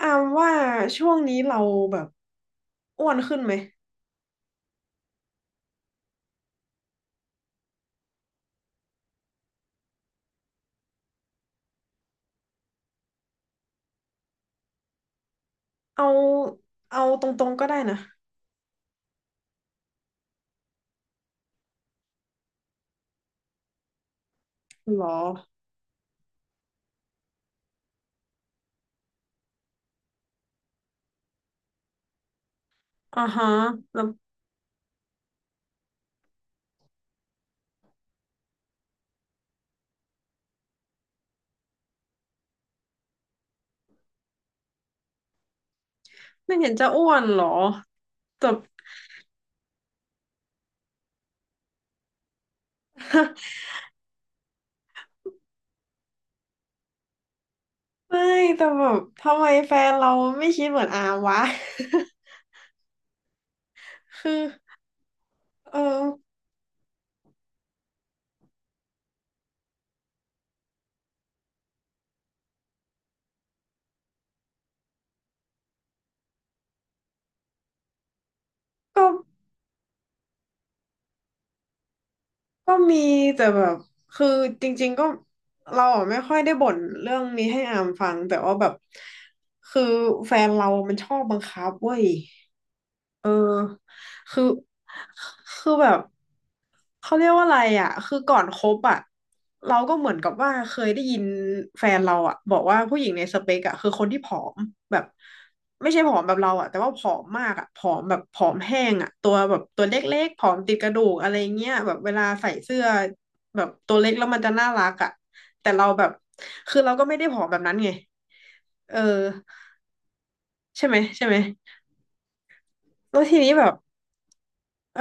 อามว่าช่วงนี้เราแบบอ้วนขึ้นไหมเอาเอาตรงๆก็ได้นะหรออ่าฮะแล้วไม่เห็นจะอ้วนหรอแต่ไม่แต่แบบทำไมแฟนเราไม่คิดเหมือนอามวะ คือเออก็ก็มีแต่แบบคือจริงๆก็เราอะไม่ค่อยได้บ่นเรื่องนี้ให้อามฟังแต่ว่าแบบคือแฟนเรามันชอบบังคับเว้ย เออคือคือแบบเขาเรียกว่าอะไรอ่ะคือก่อนคบอ่ะเราก็เหมือนกับว่าเคยได้ยินแฟนเราอ่ะบอกว่าผู้หญิงในสเปกอ่ะคือคนที่ผอมแบบไม่ใช่ผอมแบบเราอ่ะแต่ว่าผอมมากอ่ะผอมแบบผอมแห้งอ่ะตัวแบบตัวเล็กๆผอมติดกระดูกอะไรเงี้ยแบบเวลาใส่เสื้อแบบตัวเล็กแล้วมันจะน่ารักอ่ะแต่เราแบบคือเราก็ไม่ได้ผอมแบบนั้นไงเออใช่ไหมใช่ไหมแล้วทีนี้แบบเออ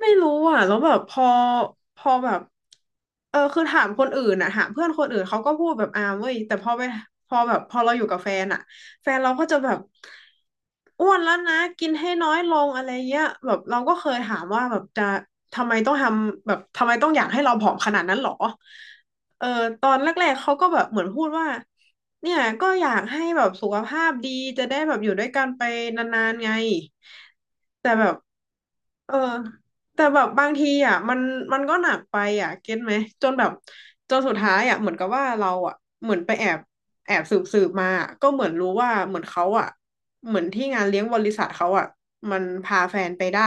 ไม่รู้อ่ะแล้วแบบพอพอแบบเออคือถามคนอื่นอ่ะถามเพื่อนคนอื่นเขาก็พูดแบบอ่าเว้ยแต่พอไปพอแบบพอเราอยู่กับแฟนอ่ะแฟนเราก็จะแบบอ้วนแล้วนะกินให้น้อยลงอะไรเงี้ยแบบเราก็เคยถามว่าแบบจะทำไมต้องทำแบบทำไมต้องอยากให้เราผอมขนาดนั้นหรอเออตอนแรกๆเขาก็แบบเหมือนพูดว่าเนี่ยก็อยากให้แบบสุขภาพดีจะได้แบบอยู่ด้วยกันไปนานๆไงแต่แบบเออ แต่แบบบางทีอ่ะมันมันก็หนักไปอ่ะเก็ตไหมจนแบบจนสุดท้ายอ่ะเหมือนกับว่าเราอ่ะเหมือนไปแอบสืบสืบมาอะก็เหมือนรู้ว่าเหมือนเขาอ่ะเหมือนที่งานเลี้ยงบริษัทเขาอ่ะมันพาแฟนไปได้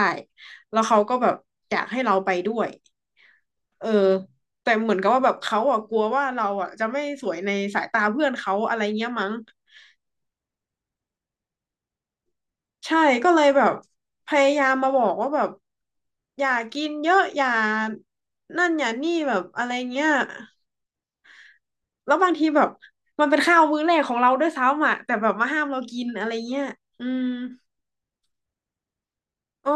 แล้วเขาก็แบบอยากให้เราไปด้วยเออแต่เหมือนกับว่าแบบเขาอ่ะกลัวว่าเราอ่ะจะไม่สวยในสายตาเพื่อนเขาอะไรเงี้ยมั้ง ใช่ก็เลยแบบพยายามมาบอกว่าแบบอย่ากินเยอะอย่านั่นอย่านี่แบบอะไรเงี้ยแล้วบางทีแบบมันเป็นข้าวมื้อแรกของเราด้วยซ้ำอ่ะแต่แบบมาห้ามเรากินอะไรเงี้ยอืมอ๋อ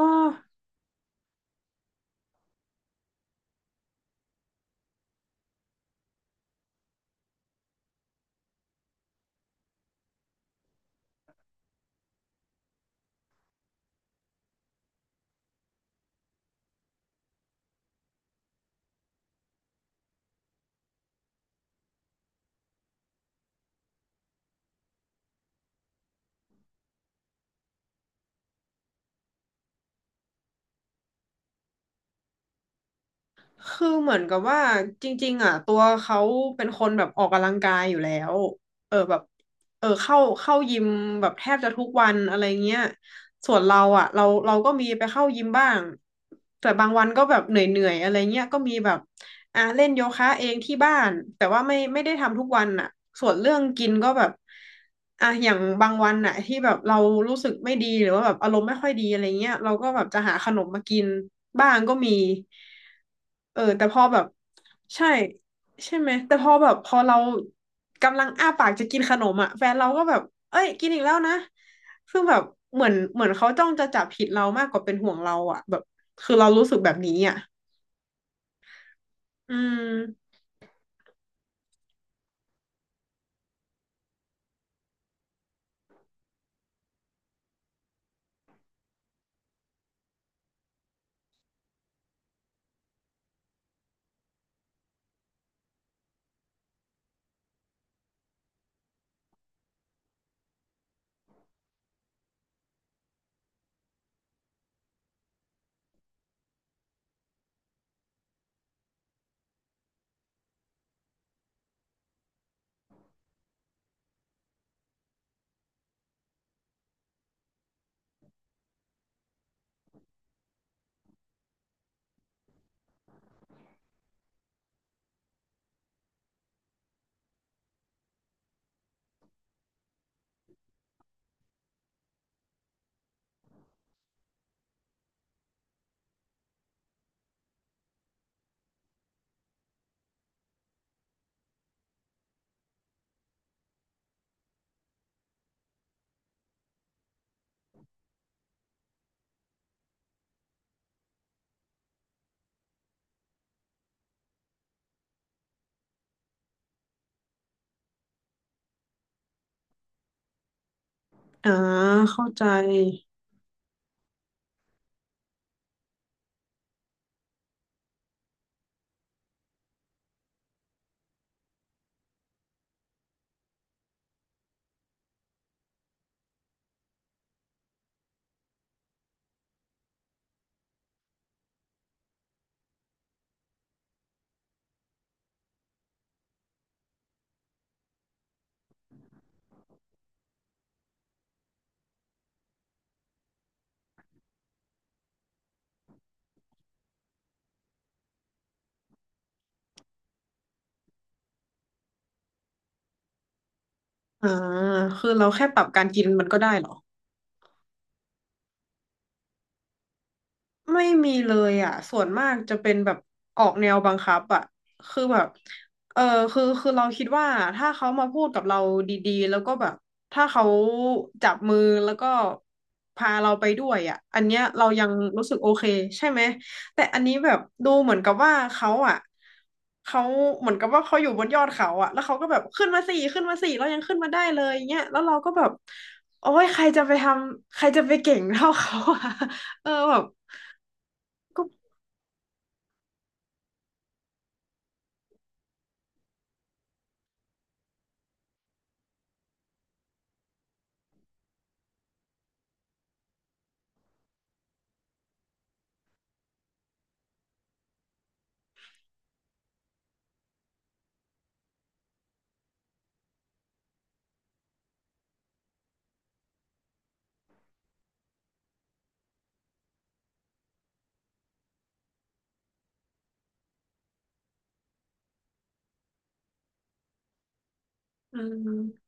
คือเหมือนกับว่าจริงๆอ่ะตัวเขาเป็นคนแบบออกกำลังกายอยู่แล้วเออแบบเออเข้ายิมแบบแทบจะทุกวันอะไรเงี้ย ส่วนเราอ่ะเราก็มีไปเข้ายิมบ้างแต่บางวันก็แบบเหนื่อยๆอะไรเงี้ยก็มีแบบอ่ะเล่นโยคะเองที่บ้านแต่ว่าไม่ได้ทำทุกวันอ่ะส่วนเรื่องกินก็แบบอ่ะอย่างบางวันอ่ะที่แบบเรารู้สึกไม่ดีหรือว่าแบบอารมณ์ไม่ค่อยดีอะไรเงี้ยเราก็แบบจะหาขนมมากินบ้างก็มีเออแต่พอแบบใช่ ใช่ไหมแต่พอแบบพอเรากำลังอ้าปากจะกินขนมอ่ะแฟนเราก็แบบเอ้ยกินอีกแล้วนะซึ่งแบบเหมือนเขาจ้องจะจับผิดเรามากกว่าเป็นห่วงเราอ่ะแบบคือเรารู้สึกแบบนี้อ่ะอืมอ่าเข้าใจอ่าคือเราแค่ปรับการกินมันก็ได้เหรอ ไม่มีเลยอ่ะส่วนมากจะเป็นแบบออกแนวบังคับอ่ะคือแบบเออคือเราคิดว่าถ้าเขามาพูดกับเราดีๆแล้วก็แบบถ้าเขาจับมือแล้วก็พาเราไปด้วยอ่ะอันเนี้ยเรายังรู้สึกโอเคใช่ไหมแต่อันนี้แบบดูเหมือนกับว่าเขาอ่ะเขาเหมือนกับว่าเขาอยู่บนยอดเขาอ่ะแล้วเขาก็แบบขึ้นมาสี่ขึ้นมาสี่เรายังขึ้นมาได้เลยเงี้ยแล้วเราก็แบบโอ้ยใครจะไปทำใครจะไปเก่งเท่าเขาอะ เออแบบ ก็อืม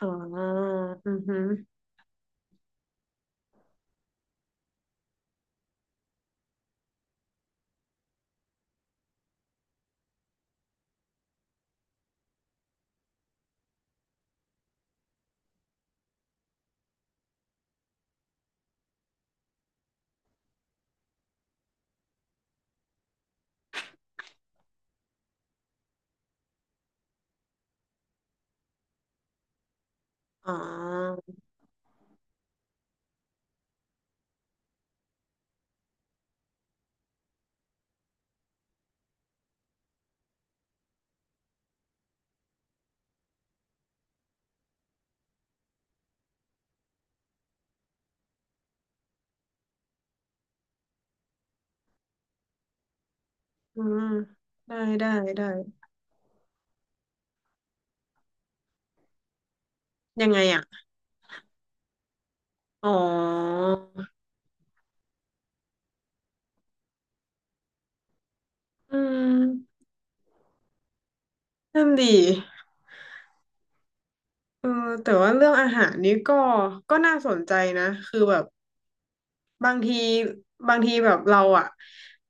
อ๋ออือฮึอ๋ออืมได้ได้ได้ ยังไงอ่ะ อ๋ออืมนั่นดีเออแต่ว่าเรื่องอาหารนี้ก็ ก็น่าสนใจนะ คือแบบบางที บางทีแบบเราอ่ะ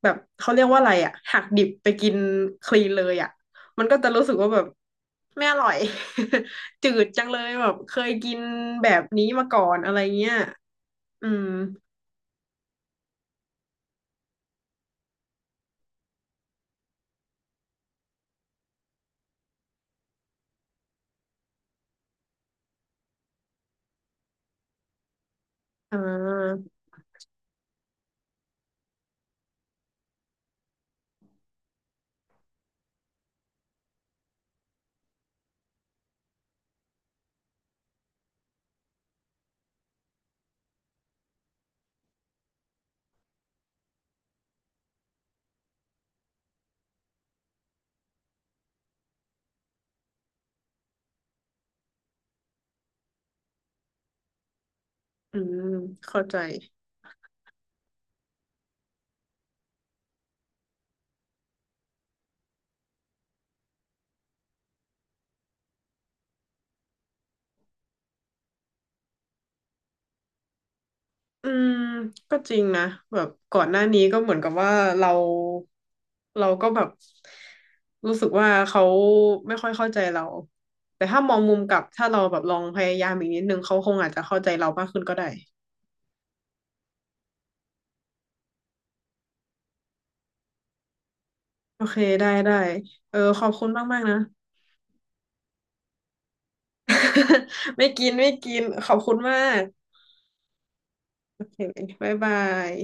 แบบเขาเรียกว่าอะไรอ่ะ หักดิบไปกินคลีนเลยอ่ะ มันก็จะรู้สึกว่าแบบไม่อร่อย จืดจังเลยแบบเคยกินแบบนี้มาก่อนอะไรเงี้ยอืม อ่าอืมเข้าใจอืมก็จริงนะแบบก่อนหน้านี้ก็เหมือนกับว่าเราเราก็แบบรู้สึกว่าเขาไม่ค่อยเข้าใจเราแต่ถ้ามองมุมกลับถ้าเราแบบลองพยายามอีกนิดนึงเขาคงอาจจะเข้าใจเรามากขึ้นก็ได้โอเคได้ได้เออขอบคุณมากมากนะ ไม่กินไม่กินขอบคุณมากโอเคบ๊ายบาย